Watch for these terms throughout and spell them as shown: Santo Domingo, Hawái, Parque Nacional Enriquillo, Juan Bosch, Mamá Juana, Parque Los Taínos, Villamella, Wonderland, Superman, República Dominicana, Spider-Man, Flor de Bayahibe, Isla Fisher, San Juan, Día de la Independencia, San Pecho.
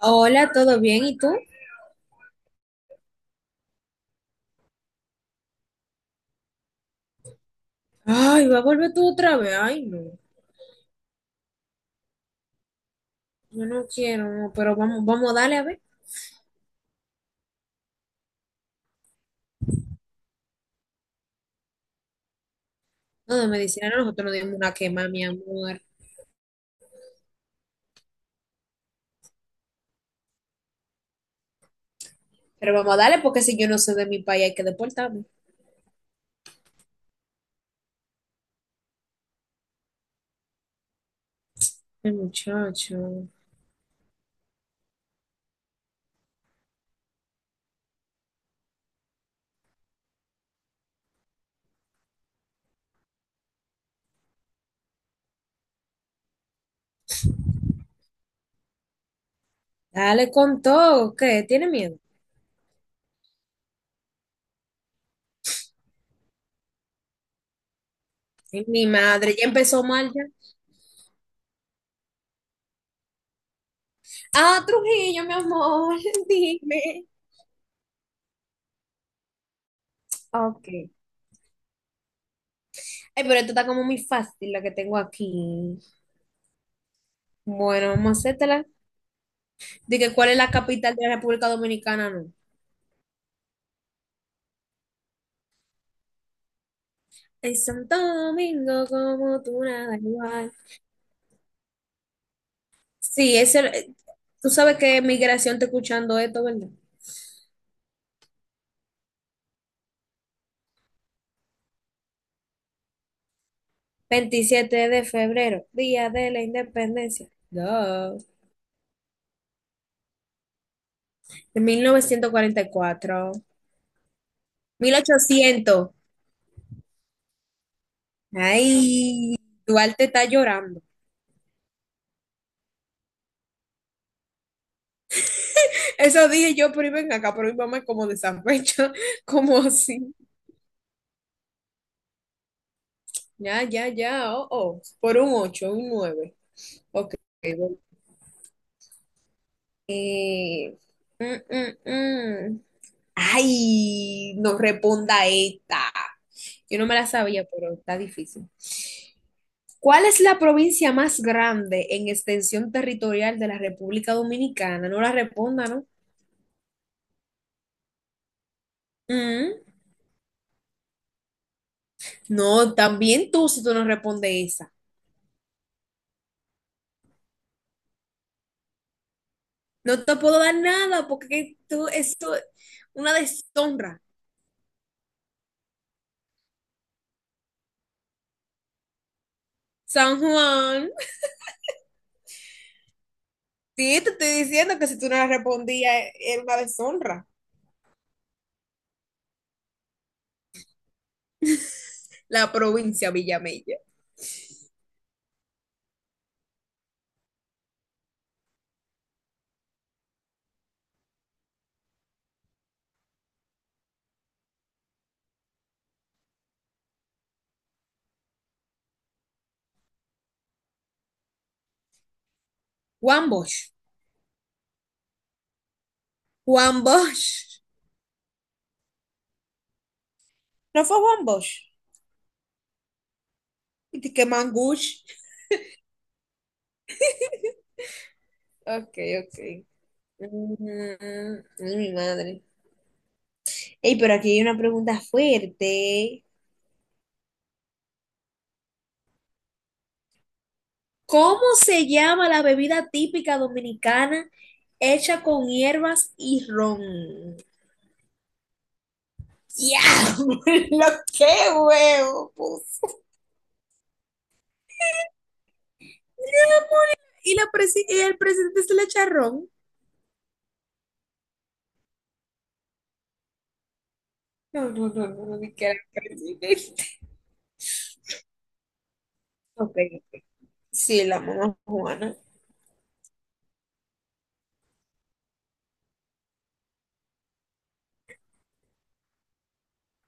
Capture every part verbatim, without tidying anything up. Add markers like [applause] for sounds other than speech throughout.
Hola, ¿todo bien? ¿Y tú? Ay, va a volver tú otra vez. Ay, no. Yo no quiero, no, pero vamos, vamos a darle a ver. No, de medicina no, nosotros nos dimos una quema, mi amor. Pero vamos a darle porque si yo no soy de mi país hay que deportarme. Ay, muchacho. Dale con todo. ¿Qué? ¿Tiene miedo? Ay, mi madre, ya empezó mal ya. Ah, Trujillo, mi amor, [laughs] dime. Ok. Ay, pero esto está como muy fácil la que tengo aquí. Bueno, vamos a hacértela. Dije, ¿cuál es la capital de la República Dominicana? No. Es Santo Domingo como tú nada igual. Sí, ese, tú sabes que migración está escuchando esto, ¿verdad? Veintisiete de febrero, Día de la Independencia. No. De mil novecientos cuarenta y cuatro, mil ochocientos. Ay, Duarte está llorando. Eso dije yo, pero ven acá, pero mi mamá es como de San Pecho, [laughs] como así. Ya, ya, ya, oh, oh. Por un ocho un nueve. Ok. Eh, mm, mm, mm. Ay, no responda esta. Yo no me la sabía, pero está difícil. ¿Cuál es la provincia más grande en extensión territorial de la República Dominicana? No la responda, ¿no? Mm. No, también tú si tú no respondes esa. No te puedo dar nada porque tú, esto es una deshonra. San Juan. Sí, te estoy diciendo que si tú no la respondías era una deshonra. La provincia Villamella. Juan Bosch. Juan Bosch. No fue Juan Bosch. Y te queman Gush. Ok, ok. Mm, ay, mi madre. Ey, pero aquí hay una pregunta fuerte. ¿Cómo se llama la bebida típica dominicana hecha con hierbas y ron? Ya, [laughs] lo que huevo, pues. ¿Y, la presi- y el presidente se le echa ron? No, no, no, no, no, ni que era presidente. Ok, ok. Sí, la mamá Juana.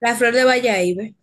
La flor de Bayahibe.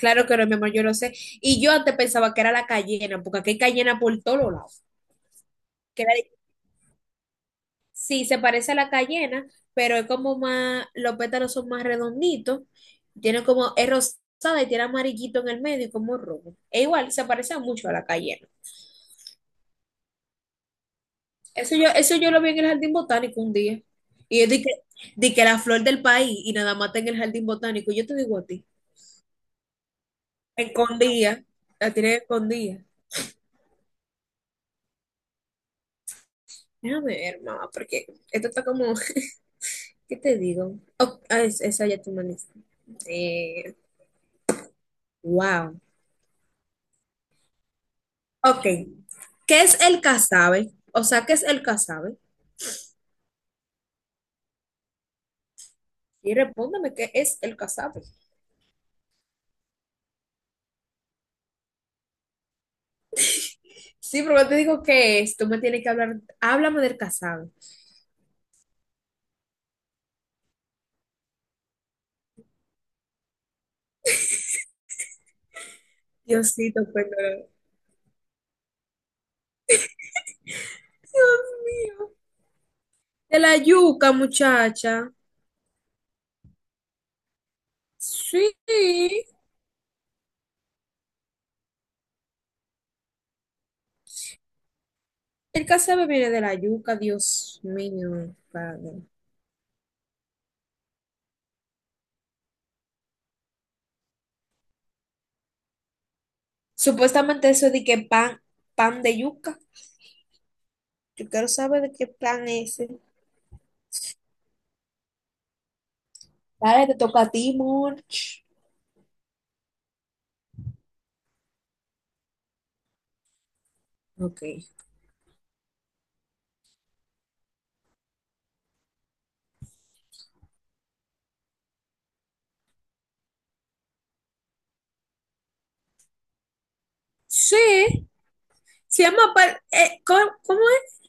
Claro que no, mi amor, yo lo sé. Y yo antes pensaba que era la cayena, porque aquí hay cayena por todos lados. Que la- sí, se parece a la cayena, pero es como más, los pétalos son más redonditos, tiene como, es rosada y tiene amarillito en el medio y como rojo. Es igual, se parece mucho a la cayena. Eso yo, eso yo lo vi en el jardín botánico un día. Y yo dije, di que la flor del país y nada más está en el jardín botánico. Yo te digo a ti, escondida, la tiene escondida. Déjame ver, mamá, porque esto está como... [laughs] ¿Qué te digo? Oh, ah, es- esa ya tú me la hiciste. Eh, wow. Ok. ¿Qué es el casabe? O sea, ¿qué es el casabe? Y respóndame, ¿qué es el casabe? Sí, pero yo te digo qué es. Tú me tienes que hablar. Háblame del casabe. Diosito, perdón. Dios mío. De la yuca, muchacha. Sí. El casabe viene de la yuca, Dios mío, padre. Supuestamente eso de que pan, pan de yuca. Yo quiero saber de qué pan es. Dale, te toca a ti, Monch. Ok. Sí, se llama... par- eh, ¿cómo, cómo es?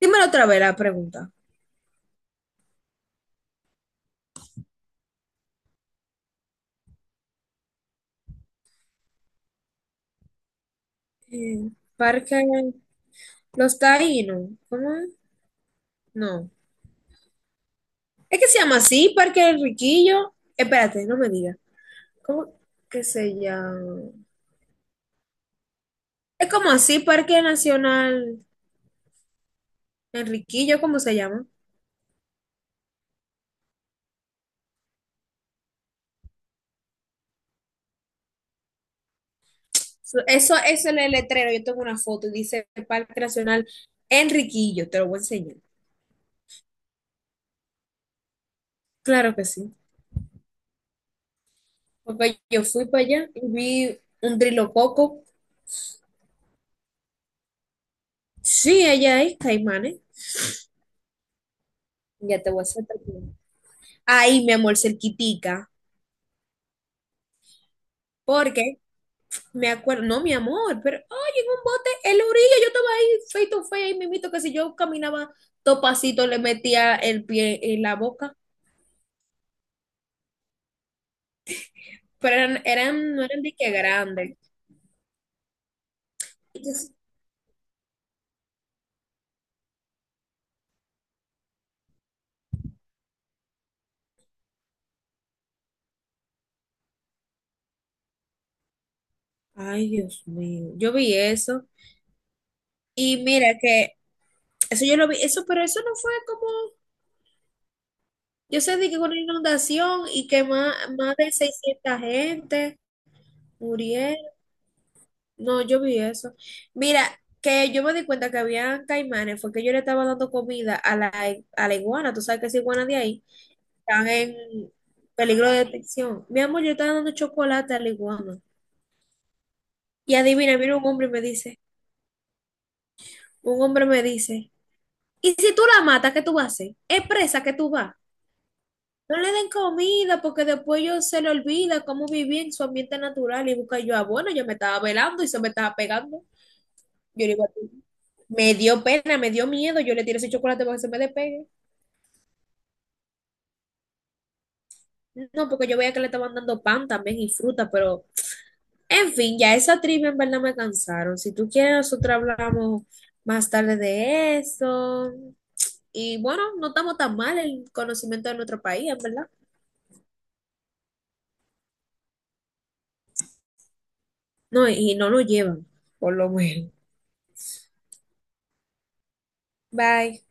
Dímelo otra vez la pregunta. Eh, Parque Los Taínos. ¿Cómo es? No. Es que se llama así, Parque El Riquillo. Espérate, no me digas. ¿Cómo que se llama? Es como así, Parque Nacional Enriquillo, ¿cómo se llama? So, Eso, eso es el letrero. Yo tengo una foto y dice Parque Nacional Enriquillo. Te lo voy a enseñar. Claro que sí. Papá, yo fui para allá y vi un trilococo. Sí, allá es caimanes. Ya te voy a hacer tatuaje. Ahí, mi amor, cerquitica. Porque me acuerdo, no, mi amor, pero, oye, en un bote, en la orilla, yo estaba ahí, feito, to face, ahí mismito, que si yo caminaba topacito, le metía el pie en la boca. Pero eran, eran, no eran de que grandes. Entonces, ay, Dios mío, yo vi eso. Y mira que, eso yo lo vi, eso, pero eso no fue como. Yo sé de que con una inundación y que más, más de seiscientas gente murieron. No, yo vi eso. Mira, que yo me di cuenta que había caimanes, fue que yo le estaba dando comida a la, a la iguana, tú sabes que esa iguana de ahí están en peligro de detección. Mi amor, yo estaba dando chocolate a la iguana. Y adivina, mira, un hombre me dice, un hombre me dice, ¿y si tú la matas, qué tú vas a hacer? ¿Es presa que tú vas? No le den comida porque después ellos se le olvida cómo vivir en su ambiente natural y busca yo, ah, bueno, yo me estaba velando y se me estaba pegando. Yo le digo a ti, me dio pena, me dio miedo, yo le tiré ese chocolate para que se me despegue. No, porque yo veía que le estaban dando pan también y fruta, pero en fin, ya esa trivia en verdad me cansaron. Si tú quieres, nosotros hablamos más tarde de eso. Y bueno, no estamos tan mal el conocimiento de nuestro país, en verdad. No, y no lo llevan, por lo menos. Bye.